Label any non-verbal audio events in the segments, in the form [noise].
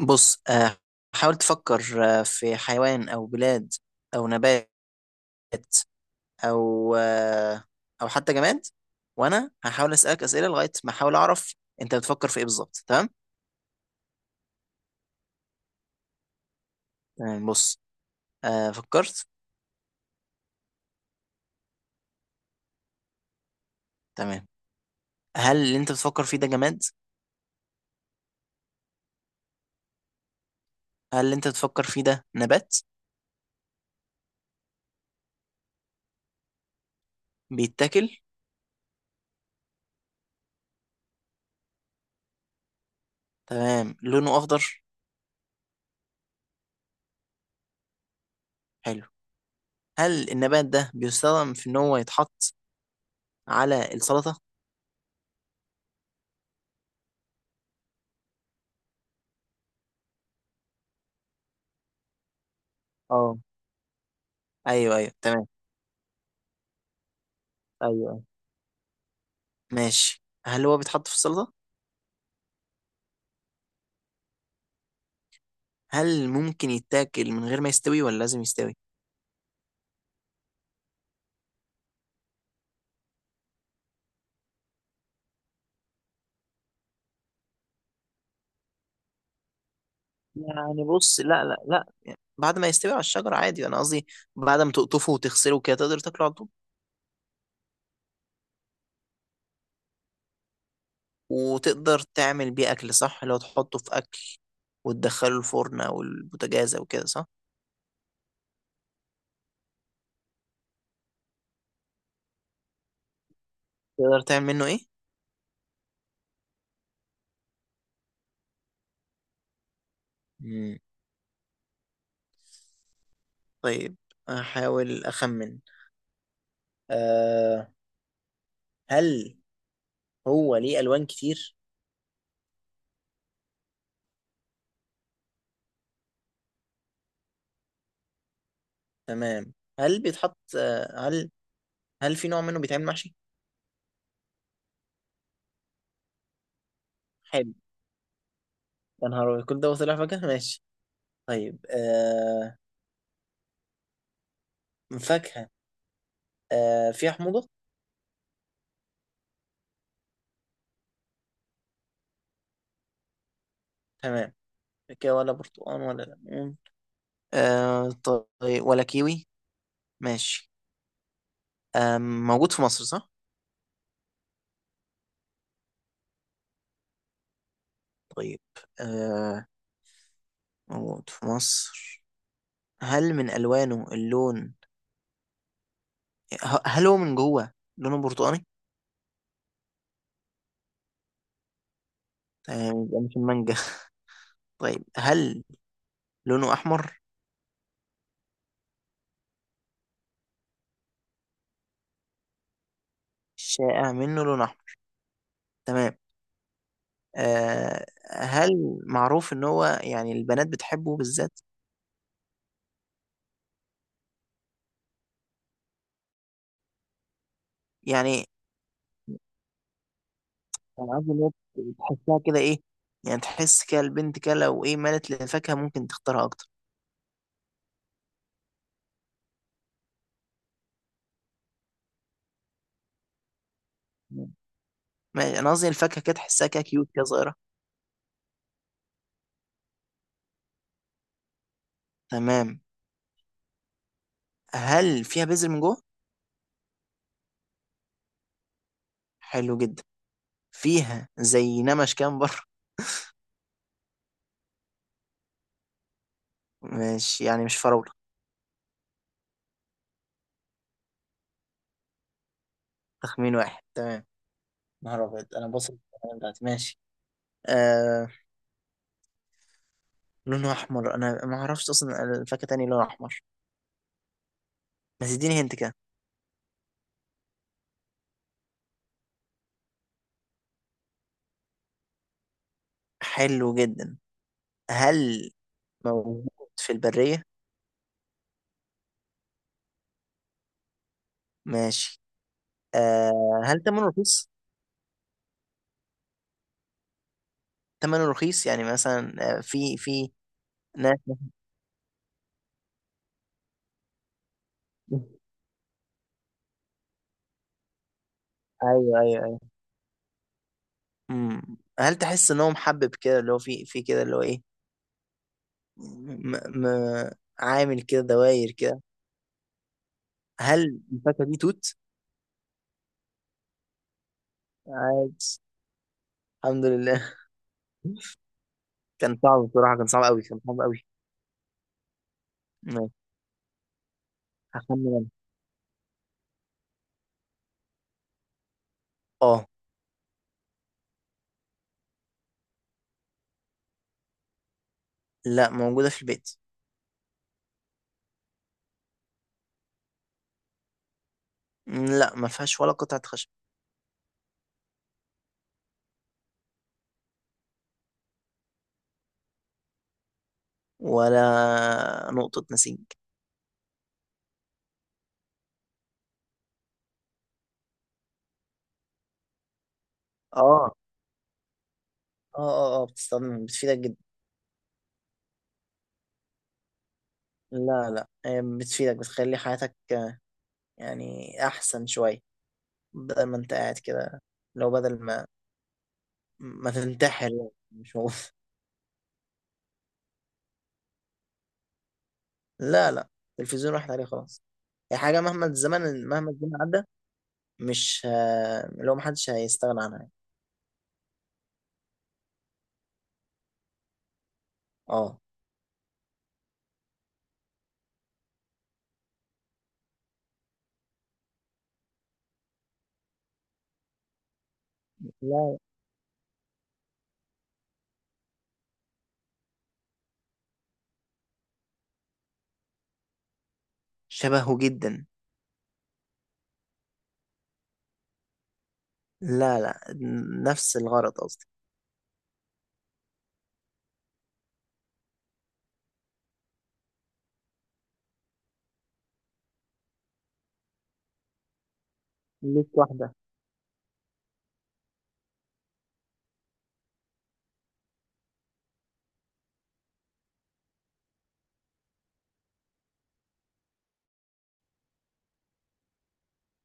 بص، حاول تفكر، في حيوان أو بلاد أو نبات أو آه، أو حتى جماد. وأنا هحاول أسألك أسئلة لغاية ما أحاول أعرف أنت بتفكر في إيه بالظبط. تمام؟ تمام، بص. فكرت. تمام. هل اللي أنت بتفكر فيه ده جماد؟ هل اللي أنت بتفكر فيه ده نبات؟ بيتاكل؟ تمام، لونه أخضر؟ حلو. هل النبات ده بيستخدم في إن هو يتحط على السلطة؟ اه، أيوه أيوه، تمام. أيوه أيوه، ماشي. هل هو بيتحط في السلطة؟ هل ممكن يتاكل من غير ما يستوي ولا لازم يستوي؟ يعني بص، لا لا لا، يعني بعد ما يستوي على الشجرة عادي، انا قصدي بعد ما تقطفه وتغسله كده تقدر تاكله على طول. وتقدر تعمل بيه اكل صح؟ لو تحطه في اكل وتدخله الفرن او البوتاجاز او كده صح؟ تقدر تعمل منه ايه؟ مم. طيب، احاول اخمن. أه هل هو ليه الوان كتير؟ تمام. هل بيتحط، هل، في نوع منه بيتعمل محشي؟ حلو. يا نهار أبيض، كل ده وطلع فجأة! ماشي، طيب. فاكهة، فيها حموضة؟ تمام، كده ولا برتقال ولا ليمون، آه طيب ولا كيوي؟ ماشي، موجود في مصر صح؟ طيب، آه موجود في مصر. هل من ألوانه اللون، هل هو من جوه لونه برتقاني؟ تمام، يبقى مش المانجا. [laughs] طيب، هل لونه أحمر؟ الشائع منه لون أحمر. تمام. هل معروف إن هو يعني البنات بتحبه بالذات؟ يعني الألعاب اللي هي تحسها كده إيه، يعني تحس كده البنت كده لو إيه مالت للفاكهة ممكن تختارها أكتر. أنا قصدي الفاكهة كده تحسها كده كيوت كده، صغيرة. تمام، هل فيها بذر من جوه؟ حلو جدا. فيها زي نمش كده من بره؟ مش يعني، مش فراولة. تخمين واحد، تمام. نهار أبيض، أنا بصل بتاعتي. ماشي. آه لونها أحمر، أنا ما أعرفش أصلا الفاكهة تاني لونها أحمر، بس اديني هنت كده. حلو جدا. هل موجود في البرية؟ ماشي. هل ثمنه رخيص؟ ثمنه رخيص يعني مثلا، في ناس. [laughs] ايوه ايوه ايوه. مم. هل تحس ان هو محبب كده، اللي هو في كده اللي هو ايه، م... م... عامل كده دواير كده؟ هل الفاكهه دي توت؟ عادي. الحمد لله. [laughs] كان صعب بصراحه، كان صعب قوي، كان صعب قوي. ماشي. هخمن انا. اه. لا، موجوده في البيت. لا، ما فيهاش ولا قطعه خشب. ولا نقطه نسيج. اه، اه اه اه، بتستخدم بتفيدك جدا. لا لا، هي بتفيدك، بتخلي حياتك، يعني أحسن شوية، بدل ما أنت قاعد كده، لو بدل ما ما تنتحر يعني، مش هو. [laughs] لا لا، التلفزيون راحت عليه خلاص. هي حاجة مهما الزمن عدى، مش لو محدش هيستغنى عنها يعني. اه، لا، شبهه جدا. لا لا، نفس الغرض قصدي. ليك واحدة.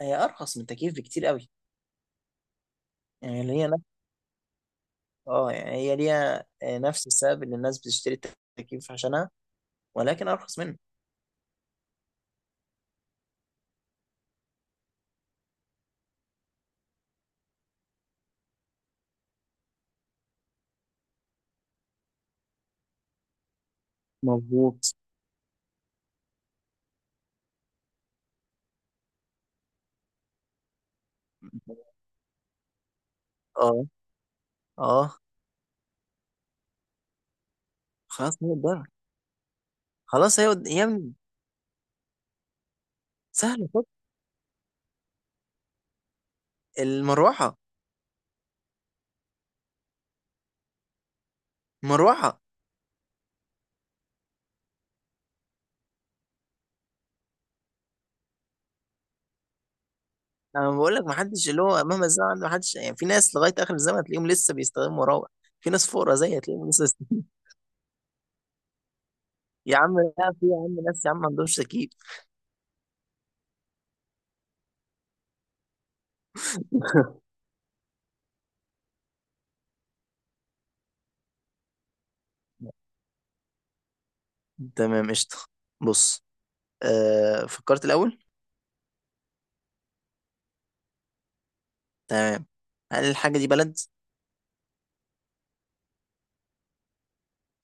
هي أرخص من التكييف بكتير قوي. يعني اللي هي نفس، اه، يعني هي ليها نفس السبب اللي الناس بتشتري التكييف عشانها، ولكن أرخص منه. مظبوط. اه، اه، خلاص هي الدرع، خلاص هي يا ابني سهله فك. المروحه. المروحه. انا بقول لك ما حدش، اللي هو مهما الزمن عنده ما حدش يعني، في ناس لغايه اخر الزمن تلاقيهم لسه بيستخدموا مراوح. في ناس فقراء زي تلاقيهم لسه [laughs] يا عم لا، في يا عم ناس يا عم ما عندهمش تكييف. [laughs] تمام، قشطه. بص، فكرت الاول. تمام. هل الحاجه دي بلد؟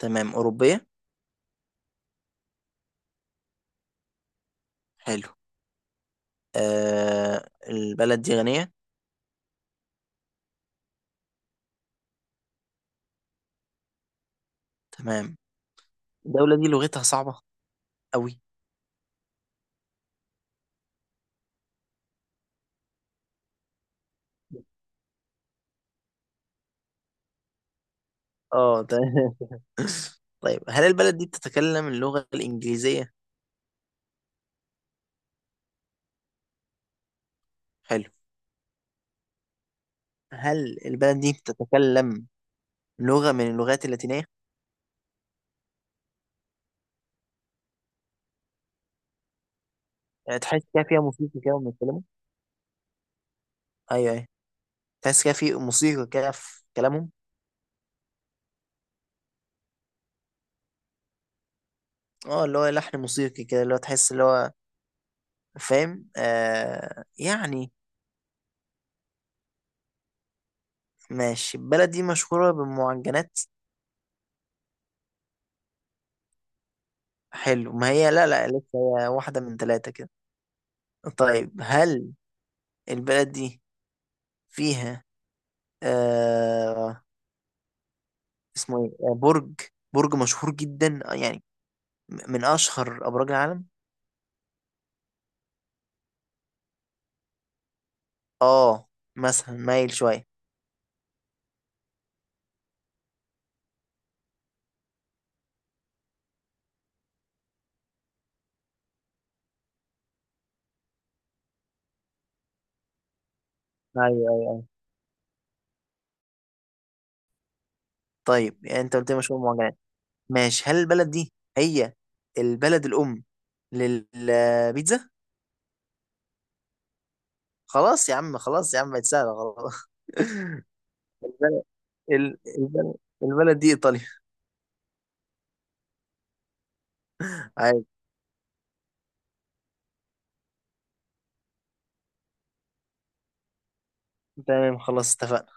تمام، اوروبيه. حلو. البلد دي غنيه؟ تمام. الدوله دي لغتها صعبه قوي؟ اه، تمام. [laughs] طيب، هل البلد دي بتتكلم اللغة الإنجليزية؟ حلو. هل البلد دي بتتكلم لغة من اللغات اللاتينية؟ يعني تحس كده فيها موسيقى كده وهم بيتكلموا؟ أيوه أيوه. تحس كده في موسيقى كده في كلامهم؟ اه، اللي هو لحن موسيقي كده، اللي هو تحس، اللي هو فاهم؟ يعني ماشي. البلد دي مشهورة بالمعجنات؟ حلو. ما هي لا لا، لسه هي واحدة من ثلاثة كده. طيب، هل البلد دي فيها، آه اسمه ايه، برج، برج مشهور جدا، يعني من اشهر ابراج العالم. اه، مثلا مايل شويه. ايوه ايوه. طيب يعني انت قلت لي مشهور معجنات. ماشي، هل البلد دي هي البلد الام للبيتزا؟ خلاص يا عم، خلاص يا عم، بقت سهله خلاص. [laughs] البلد، ال- البلد البلد دي ايطاليا. عادي. تمام، خلاص اتفقنا.